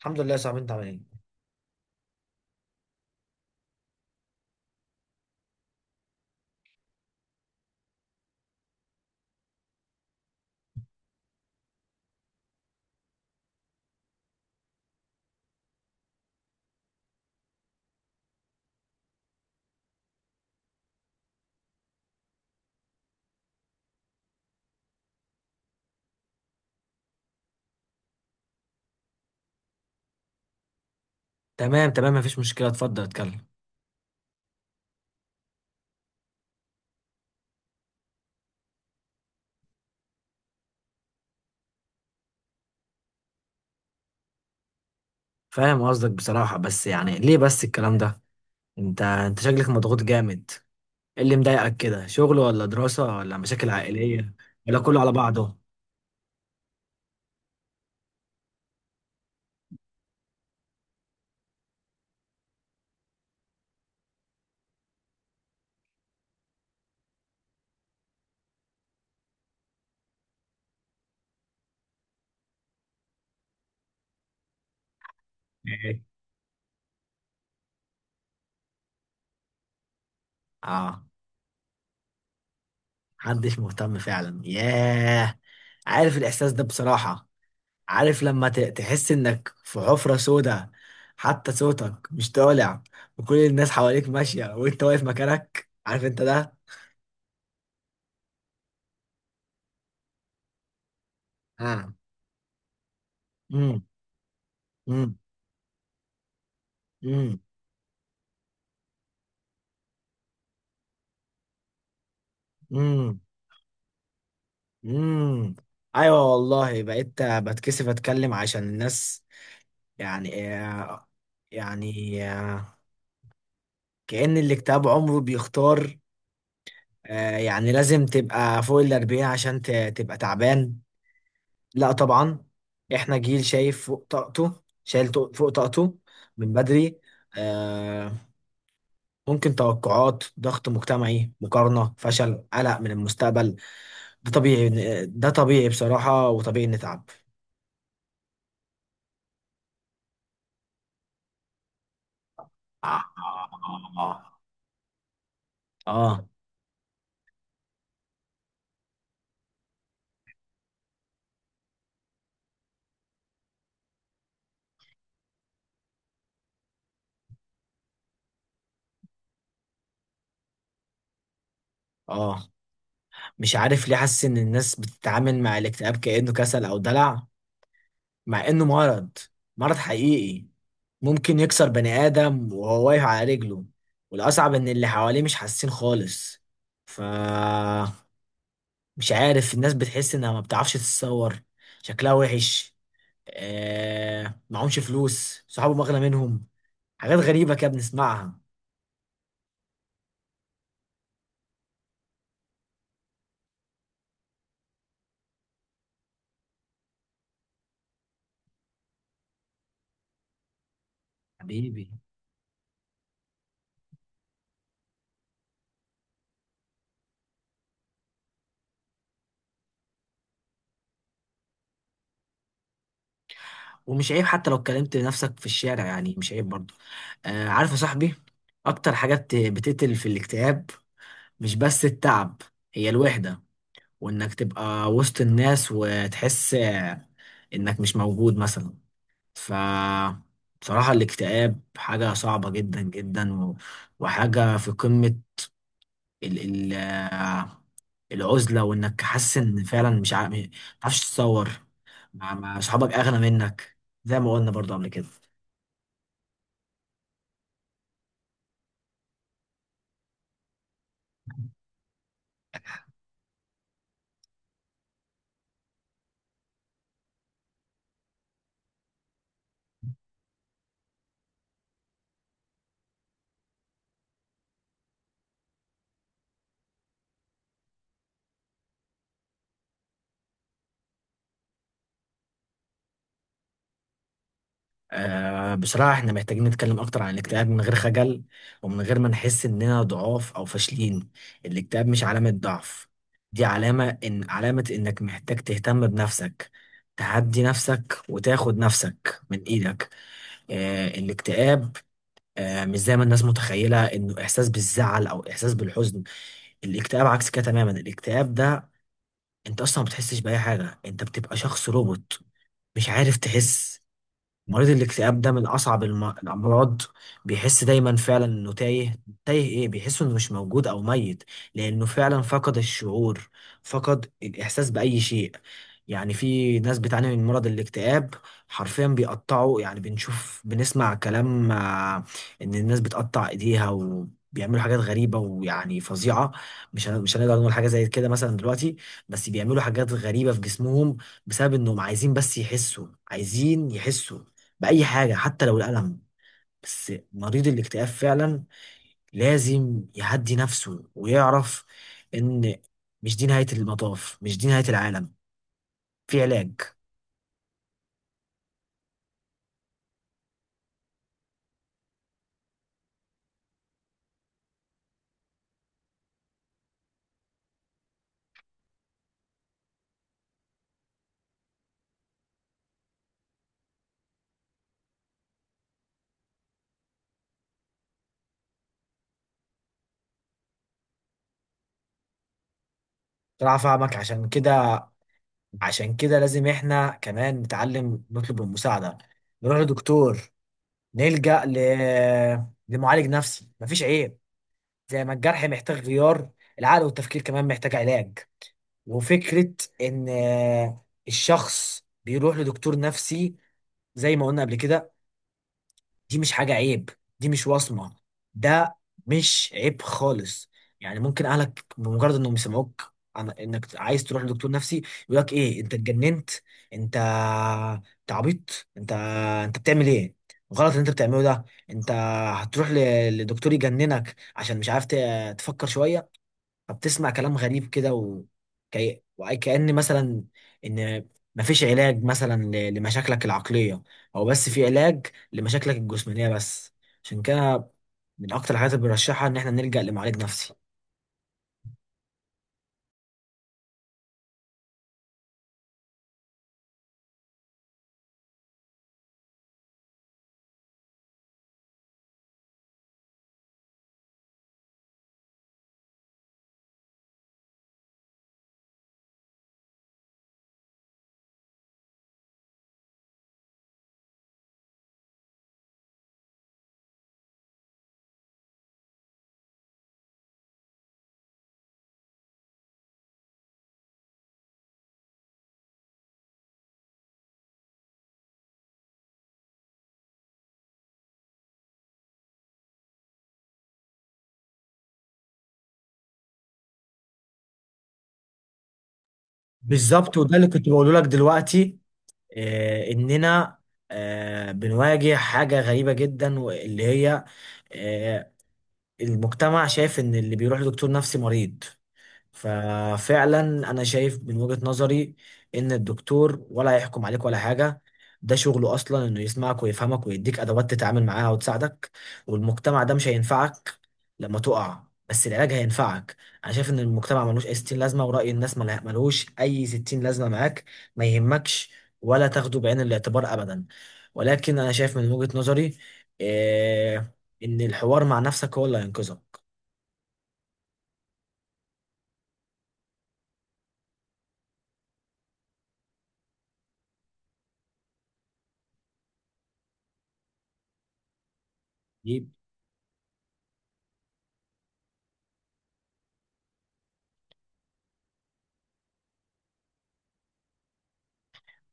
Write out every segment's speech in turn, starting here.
الحمد لله يا صاحبي، انت عامل ايه؟ تمام مفيش مشكلة، اتفضل اتكلم. فاهم قصدك بصراحة، بس يعني ليه بس الكلام ده؟ انت شكلك مضغوط جامد. ايه اللي مضايقك كده؟ شغل ولا دراسة ولا مشاكل عائلية، ولا كله على بعضه؟ ايه؟ اه. محدش مهتم فعلا، ياه. عارف الاحساس ده بصراحة. عارف لما تحس انك في حفرة سودة، حتى صوتك مش طالع، وكل الناس حواليك ماشية وانت واقف مكانك، عارف انت ده. اه. امم امم امم امم ايوه والله، بقيت بتكسف اتكلم عشان الناس. يعني آه، يعني آه، كأن اللي كتاب عمره بيختار. يعني لازم تبقى فوق الأربعين عشان تبقى تعبان؟ لا طبعا. احنا جيل شايف فوق طاقته، شايل فوق طاقته من بدري. آه، ممكن توقعات، ضغط مجتمعي، مقارنة، فشل، قلق من المستقبل. ده طبيعي، ده طبيعي بصراحة، وطبيعي نتعب. آه آه آه آه مش عارف ليه حاسس إن الناس بتتعامل مع الاكتئاب كأنه كسل أو دلع، مع إنه مرض، مرض حقيقي ممكن يكسر بني آدم وهو واقف على رجله. والأصعب إن اللي حواليه مش حاسين خالص. ف مش عارف الناس بتحس إنها ما بتعرفش تتصور. شكلها وحش. آه معهمش فلوس، صحابه أغلى منهم. حاجات غريبة كده بنسمعها. حبيبي. ومش عيب حتى لو اتكلمت لنفسك في الشارع، يعني مش عيب برضه. آه عارف يا صاحبي، اكتر حاجات بتقتل في الاكتئاب مش بس التعب، هي الوحدة. وانك تبقى وسط الناس وتحس انك مش موجود مثلا. ف بصراحة الاكتئاب حاجة صعبة جدا جدا، وحاجة في قمة ال... ال... آه، العزلة. وانك حاسس ان فعلا مش عارف، مش عارفش تتصور، مع صحابك اغنى منك، زي ما قلنا برضه قبل كده. آه بصراحة احنا محتاجين نتكلم أكتر عن الاكتئاب من غير خجل، ومن غير ما نحس إننا ضعاف أو فاشلين. الاكتئاب مش علامة ضعف، دي علامة إن علامة إنك محتاج تهتم بنفسك، تهدي نفسك وتاخد نفسك من إيدك. آه الاكتئاب، آه مش زي ما الناس متخيلة إنه إحساس بالزعل أو إحساس بالحزن. الاكتئاب عكس كده تماما. الاكتئاب ده انت اصلا ما بتحسش باي حاجه، انت بتبقى شخص روبوت مش عارف تحس. مريض الاكتئاب ده من أصعب الأمراض، بيحس دايما فعلا إنه تايه. تايه إيه؟ بيحس إنه مش موجود أو ميت، لأنه فعلا فقد الشعور، فقد الإحساس بأي شيء. يعني في ناس بتعاني من مرض الاكتئاب حرفيا بيقطعوا، يعني بنشوف بنسمع كلام، إن الناس بتقطع إيديها وبيعملوا حاجات غريبة ويعني فظيعة. مش هنقدر نقول حاجة زي كده مثلا دلوقتي، بس بيعملوا حاجات غريبة في جسمهم بسبب إنهم عايزين بس يحسوا، عايزين يحسوا بأي حاجة حتى لو الألم. بس مريض الاكتئاب فعلا لازم يهدي نفسه ويعرف إن مش دي نهاية المطاف، مش دي نهاية العالم، في علاج. طلع فاهمك. عشان كده، عشان كده لازم احنا كمان نتعلم نطلب المساعدة، نروح لدكتور، نلجأ لمعالج نفسي، مفيش عيب. زي ما الجرح محتاج غيار، العقل والتفكير كمان محتاج علاج. وفكرة إن الشخص بيروح لدكتور نفسي، زي ما قلنا قبل كده، دي مش حاجة عيب، دي مش وصمة، ده مش عيب خالص. يعني ممكن أهلك بمجرد إنهم يسمعوك عن إنك عايز تروح لدكتور نفسي يقول لك إيه أنت اتجننت؟ أنت أنت عبيط، أنت بتعمل إيه؟ غلط اللي أنت بتعمله ده. أنت هتروح لدكتور يجننك عشان مش عارف تفكر شوية. فبتسمع كلام غريب كده وكأن مثلا ان مفيش علاج مثلا لمشاكلك العقلية، او بس في علاج لمشاكلك الجسمانية بس. عشان كده من اكتر الحاجات اللي بنرشحها ان احنا نلجأ لمعالج نفسي. بالظبط، وده اللي كنت بقوله لك دلوقتي. آه اننا آه بنواجه حاجة غريبة جدا، واللي هي آه المجتمع شايف ان اللي بيروح لدكتور نفسي مريض. ففعلا انا شايف من وجهة نظري ان الدكتور ولا هيحكم عليك ولا حاجة، ده شغله اصلا انه يسمعك ويفهمك ويديك ادوات تتعامل معاها وتساعدك. والمجتمع ده مش هينفعك لما تقع، بس العلاج هينفعك. انا شايف ان المجتمع ملوش اي 60 لازمة، ورأي الناس ملوش اي 60 لازمة معاك، ما يهمكش ولا تاخده بعين الاعتبار ابدا. ولكن انا شايف من وجهة نظري إيه؟ ان الحوار مع نفسك هو اللي هينقذك.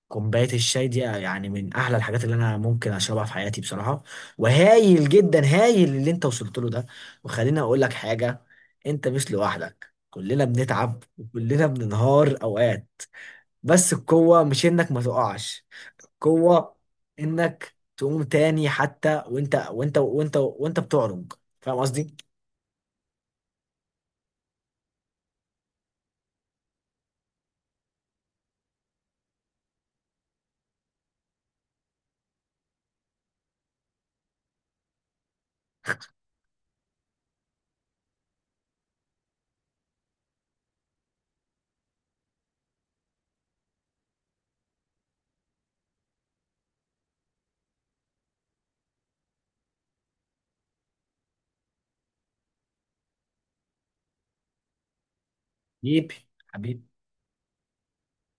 كوباية الشاي دي يعني من أحلى الحاجات اللي أنا ممكن أشربها في حياتي بصراحة. وهايل جدا، هايل اللي أنت وصلت له ده. وخليني أقول لك حاجة، أنت مش لوحدك، كلنا بنتعب وكلنا بننهار أوقات. بس القوة مش إنك ما تقعش، القوة إنك تقوم تاني حتى وأنت بتعرج. فاهم قصدي؟ حبيبي حبيبي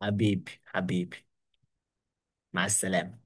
حبيبي حبيبي، مع السلامة.